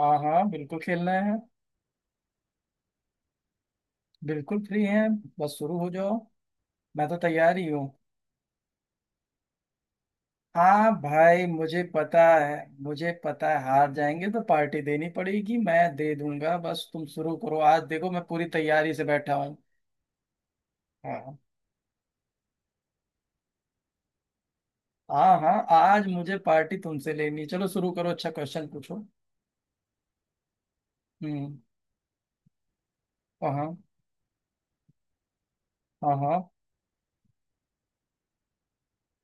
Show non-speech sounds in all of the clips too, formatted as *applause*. हाँ हाँ बिल्कुल खेलना है। बिल्कुल फ्री हैं। बस शुरू हो जाओ। मैं तो तैयार ही हूँ। हाँ भाई, मुझे पता है। मुझे पता है हार जाएंगे तो पार्टी देनी पड़ेगी। मैं दे दूंगा, बस तुम शुरू करो। आज देखो मैं पूरी तैयारी से बैठा हूँ। हाँ। हाँ, हाँ आज मुझे पार्टी तुमसे लेनी है। चलो शुरू करो, अच्छा क्वेश्चन पूछो। हम्म। हाँ हाँ। हाँ हाँ।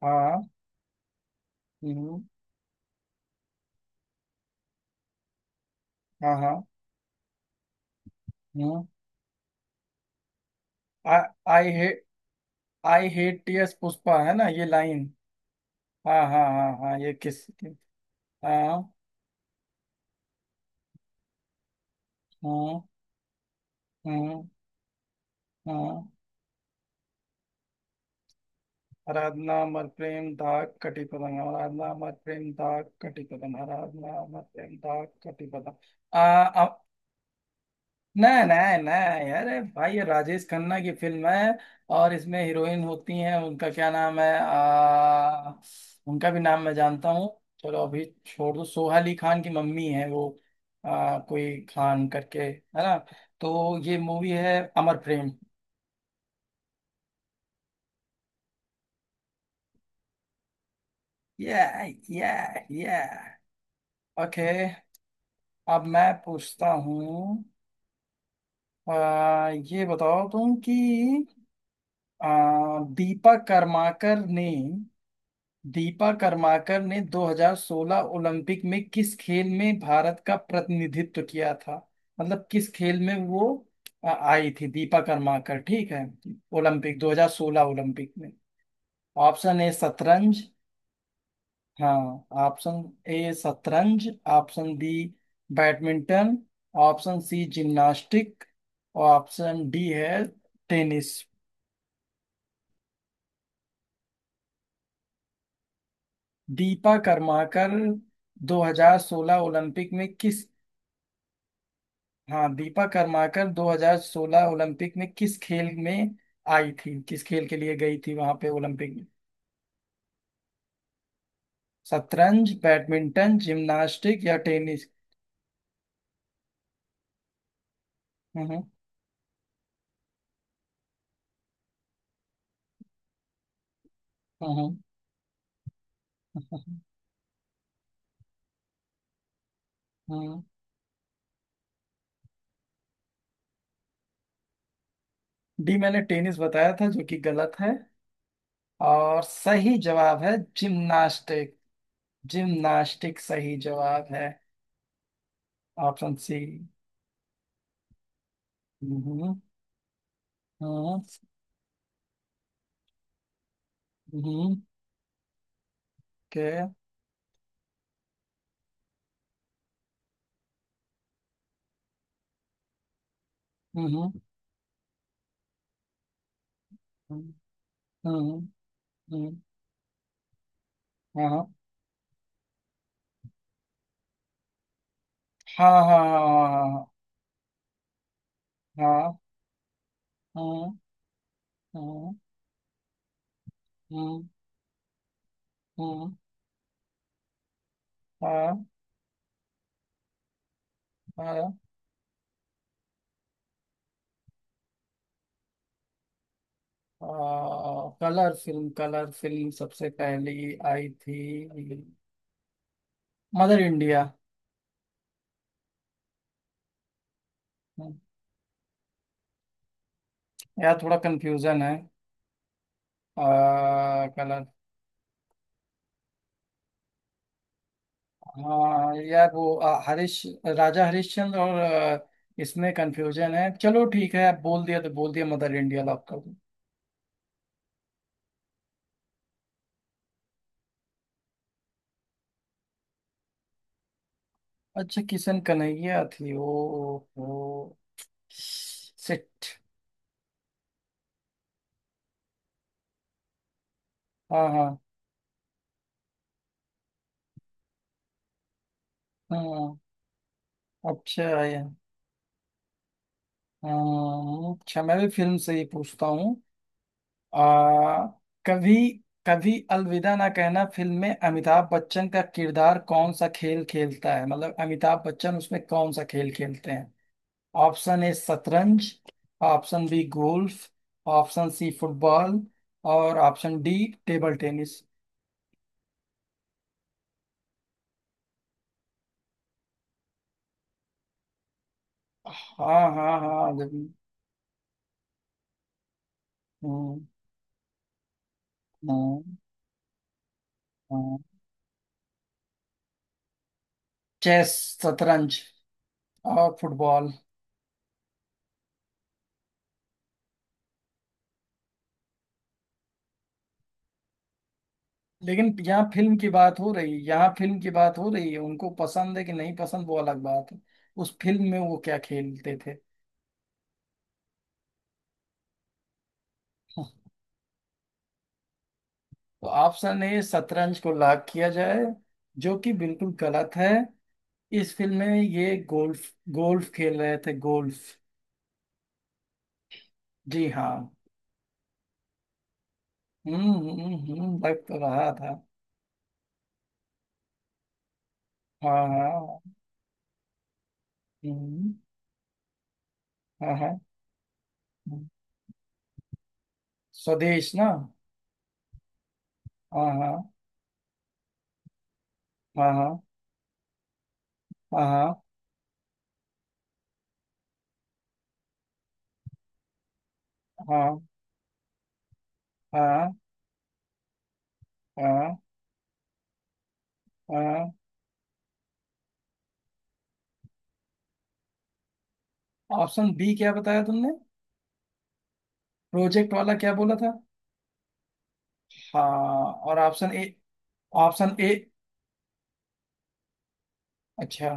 हाँ, हाँ। हम्म। हाँ हाँ। हम्म। I hate I hate TS Pushpa है ना ये लाइन। हाँ हाँ हाँ हाँ, ये किस की? हाँ हाँ हाँ। हाँ। आराधना, अमर प्रेम, दाग, कटी पतंग। आराधना, अमर प्रेम, दाग, कटी पतंग। आराधना, अमर प्रेम, दाग, कटी पतंग। आ, आ, नहीं नहीं नहीं, अरे भाई ये राजेश खन्ना की फिल्म है। और इसमें हीरोइन होती हैं उनका क्या नाम है। उनका भी नाम मैं जानता हूँ। चलो अभी छोड़ दो, सोहा अली खान की मम्मी है वो। कोई खान करके है ना। तो ये मूवी है Amar Prem. yeah yeah yeah। Okay. अब मैं पूछता हूँ। ये बताओ तुम कि आ, दीपा कर्माकर ने दीपा कर्माकर ने 2016 ओलंपिक में किस खेल में भारत का प्रतिनिधित्व किया था। मतलब किस खेल में वो आई थी दीपा कर्माकर, ठीक है। ओलंपिक 2016 ओलंपिक में। ऑप्शन ए शतरंज। हाँ। ऑप्शन ए शतरंज। Option B badminton. Option C gymnastic. और ऑप्शन डी है टेनिस। दीपा कर्माकर 2016 ओलंपिक में किस। हाँ, दीपा कर्माकर 2016 ओलंपिक में किस खेल में आई थी, किस खेल के लिए गई थी वहां पे ओलंपिक में। शतरंज, बैडमिंटन, जिम्नास्टिक या टेनिस? हम्म। हम्म। हम्म। हम्म। हम्म। डी मैंने टेनिस बताया था, जो कि गलत है। और सही जवाब है जिम्नास्टिक। जिम्नास्टिक सही जवाब है। Option C. हम्म। हम्म। हम्म। के। हम्म। हम्म। हम्म। हम्म। हाँ हाँ हाँ हाँ हाँ हाँ हाँ हाँ हाँ हाँ। हाँ कलर फिल्म, कलर फिल्म सबसे पहली आई थी मदर इंडिया। यार थोड़ा कंफ्यूजन है। आ, हाँ यार वो हरीश राजा हरिश्चंद्र और। इसमें कंफ्यूजन है। चलो ठीक है, आप बोल दिया तो बोल दिया, मदर इंडिया लॉक कर दो। अच्छा किशन कन्हैया थी। ओ। ओ सिट। हाँ हाँ हाँ। अच्छा यार। हाँ, अच्छा मैं भी फिल्म से ही पूछता हूँ। आ कभी कभी अलविदा ना कहना फिल्म में अमिताभ बच्चन का किरदार कौन सा खेल खेलता है, मतलब अमिताभ बच्चन उसमें कौन सा खेल खेलते हैं? ऑप्शन ए शतरंज। Option B golf. Option C football. और ऑप्शन डी टेबल टेनिस। हाँ हाँ हाँ जरूर। हम्म। हाँ हाँ। चेस, शतरंज और फुटबॉल। लेकिन यहाँ फिल्म की बात हो रही है, यहाँ फिल्म की बात हो रही है, उनको पसंद है कि नहीं पसंद वो अलग बात है। उस फिल्म में वो क्या खेलते थे? तो ऑप्शन ए शतरंज को लॉक किया जाए, जो कि बिल्कुल गलत है। इस फिल्म में ये गोल्फ, गोल्फ खेल रहे थे, गोल्फ। जी हाँ। लग तो रहा था। हाँ हाँ। हम्म, हाँ हाँ। हम्म। स्वदेश ना। हाँ हाँ हाँ हाँ हाँ हाँ हाँ हाँ। हाँ, हाँ। हाँ। ऑप्शन बी क्या बताया तुमने? प्रोजेक्ट वाला क्या बोला था? हाँ, और ऑप्शन ए? ऑप्शन ए, अच्छा।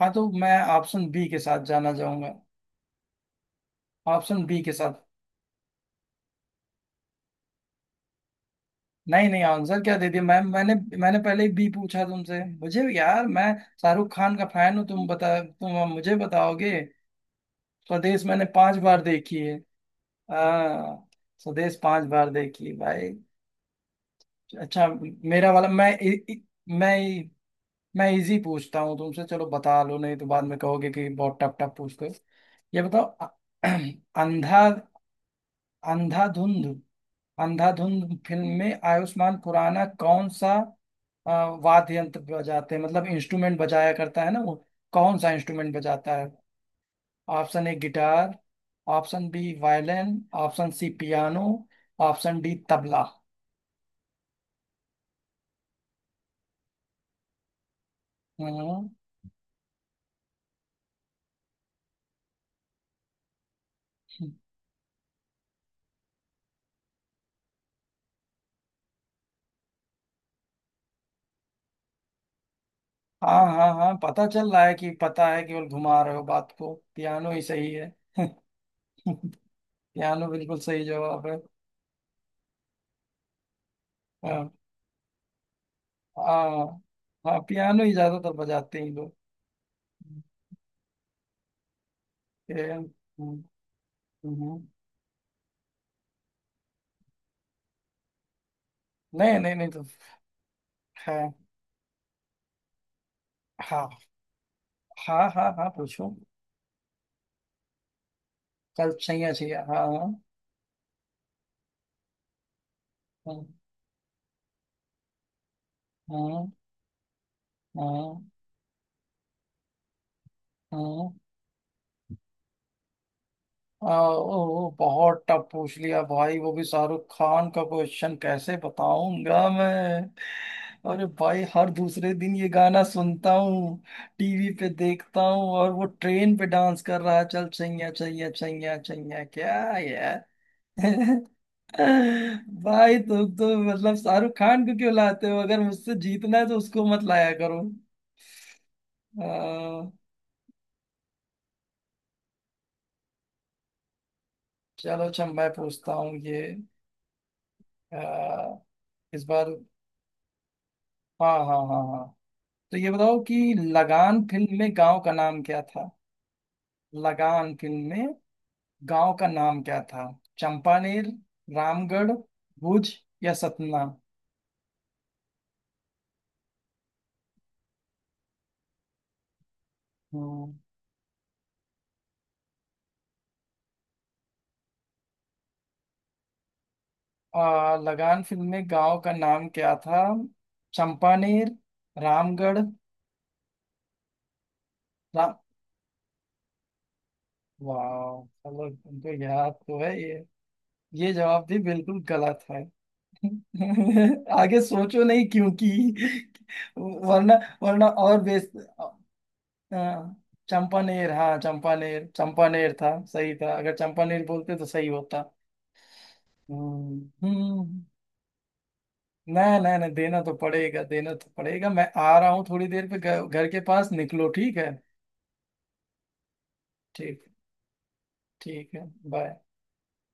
हाँ, तो मैं ऑप्शन बी के साथ जाना चाहूंगा। ऑप्शन बी के साथ। नहीं नहीं, आंसर क्या दे दिया मैम, मैंने। मैंने पहले ही बी पूछा तुमसे। मुझे यार, मैं शाहरुख खान का फैन हूँ। तुम बता, तुम अब मुझे बताओगे? स्वदेश मैंने 5 बार देखी है। हाँ। स्वदेश 5 बार देखी है भाई। अच्छा। मेरा वाला मैं इ, इ, मैं इ- मैं इजी पूछता हूँ तुमसे। चलो बता लो, नहीं तो बाद में कहोगे कि बहुत टफ टफ पूछते हो। ये बताओ अ- *clears throat* अंधा अंधाधुंध, अंधाधुंध फिल्म में आयुष्मान खुराना कौन सा अ, वाद्य यंत्र बजाते हैं, मतलब इंस्ट्रूमेंट बजाया करता है ना वो? कौन सा इंस्ट्रूमेंट बजाता है? Option A guitar. Option B violin. Option C piano. Option D tabla. हम्म। हाँ हाँ हाँ, पता चल रहा है कि पता है, केवल घुमा रहे हो बात को, पियानो ही सही है। *laughs* पियानो बिल्कुल सही जवाब है। हाँ हाँ हाँ, पियानो ही ज्यादातर बजाते हैं ये लोग। ये, हम्म। हम्म। नहीं नहीं नहीं तो। है। हाँ हाँ हाँ हाँ पूछो। कल सही है, सही है, हाँ हाँ। हाँ हाँ हाँ। ओ, बहुत टफ पूछ लिया भाई, वो भी शाहरुख खान का क्वेश्चन, कैसे बताऊंगा मैं? अरे भाई हर दूसरे दिन ये गाना सुनता हूँ। टीवी पे देखता हूँ और वो ट्रेन पे डांस कर रहा है, चल चैया चैया चैया चैया क्या यार। *laughs* भाई तुम तो मतलब शाहरुख खान को क्यों लाते हो? अगर मुझसे जीतना है तो उसको मत लाया करो। अह, चलो अच्छा मैं पूछता हूँ ये। अह, इस बार। हाँ हाँ हाँ हाँ। तो ये बताओ कि लगान फिल्म में गांव का नाम क्या था? लगान फिल्म में गांव का नाम क्या था? चंपानेर, रामगढ़, भुज या सतना? हम्म। लगान फिल्म में गांव का नाम क्या था? चंपानेर, रामगढ़। रा, वाह, चलो तुमको याद तो है ये। ये जवाब भी बिल्कुल गलत है। *laughs* आगे सोचो नहीं क्योंकि। *laughs* वरना। वरना और बेस। अ, चंपानेर, हाँ चंपानेर, चंपानेर था सही था, अगर चंपानेर बोलते तो सही होता। हम्म। हम्म। नहीं नहीं नहीं, देना तो पड़ेगा, देना तो पड़ेगा। मैं आ रहा हूँ थोड़ी देर पे, घर घर के पास निकलो ठीक है। ठीक, ठीक है। बाय।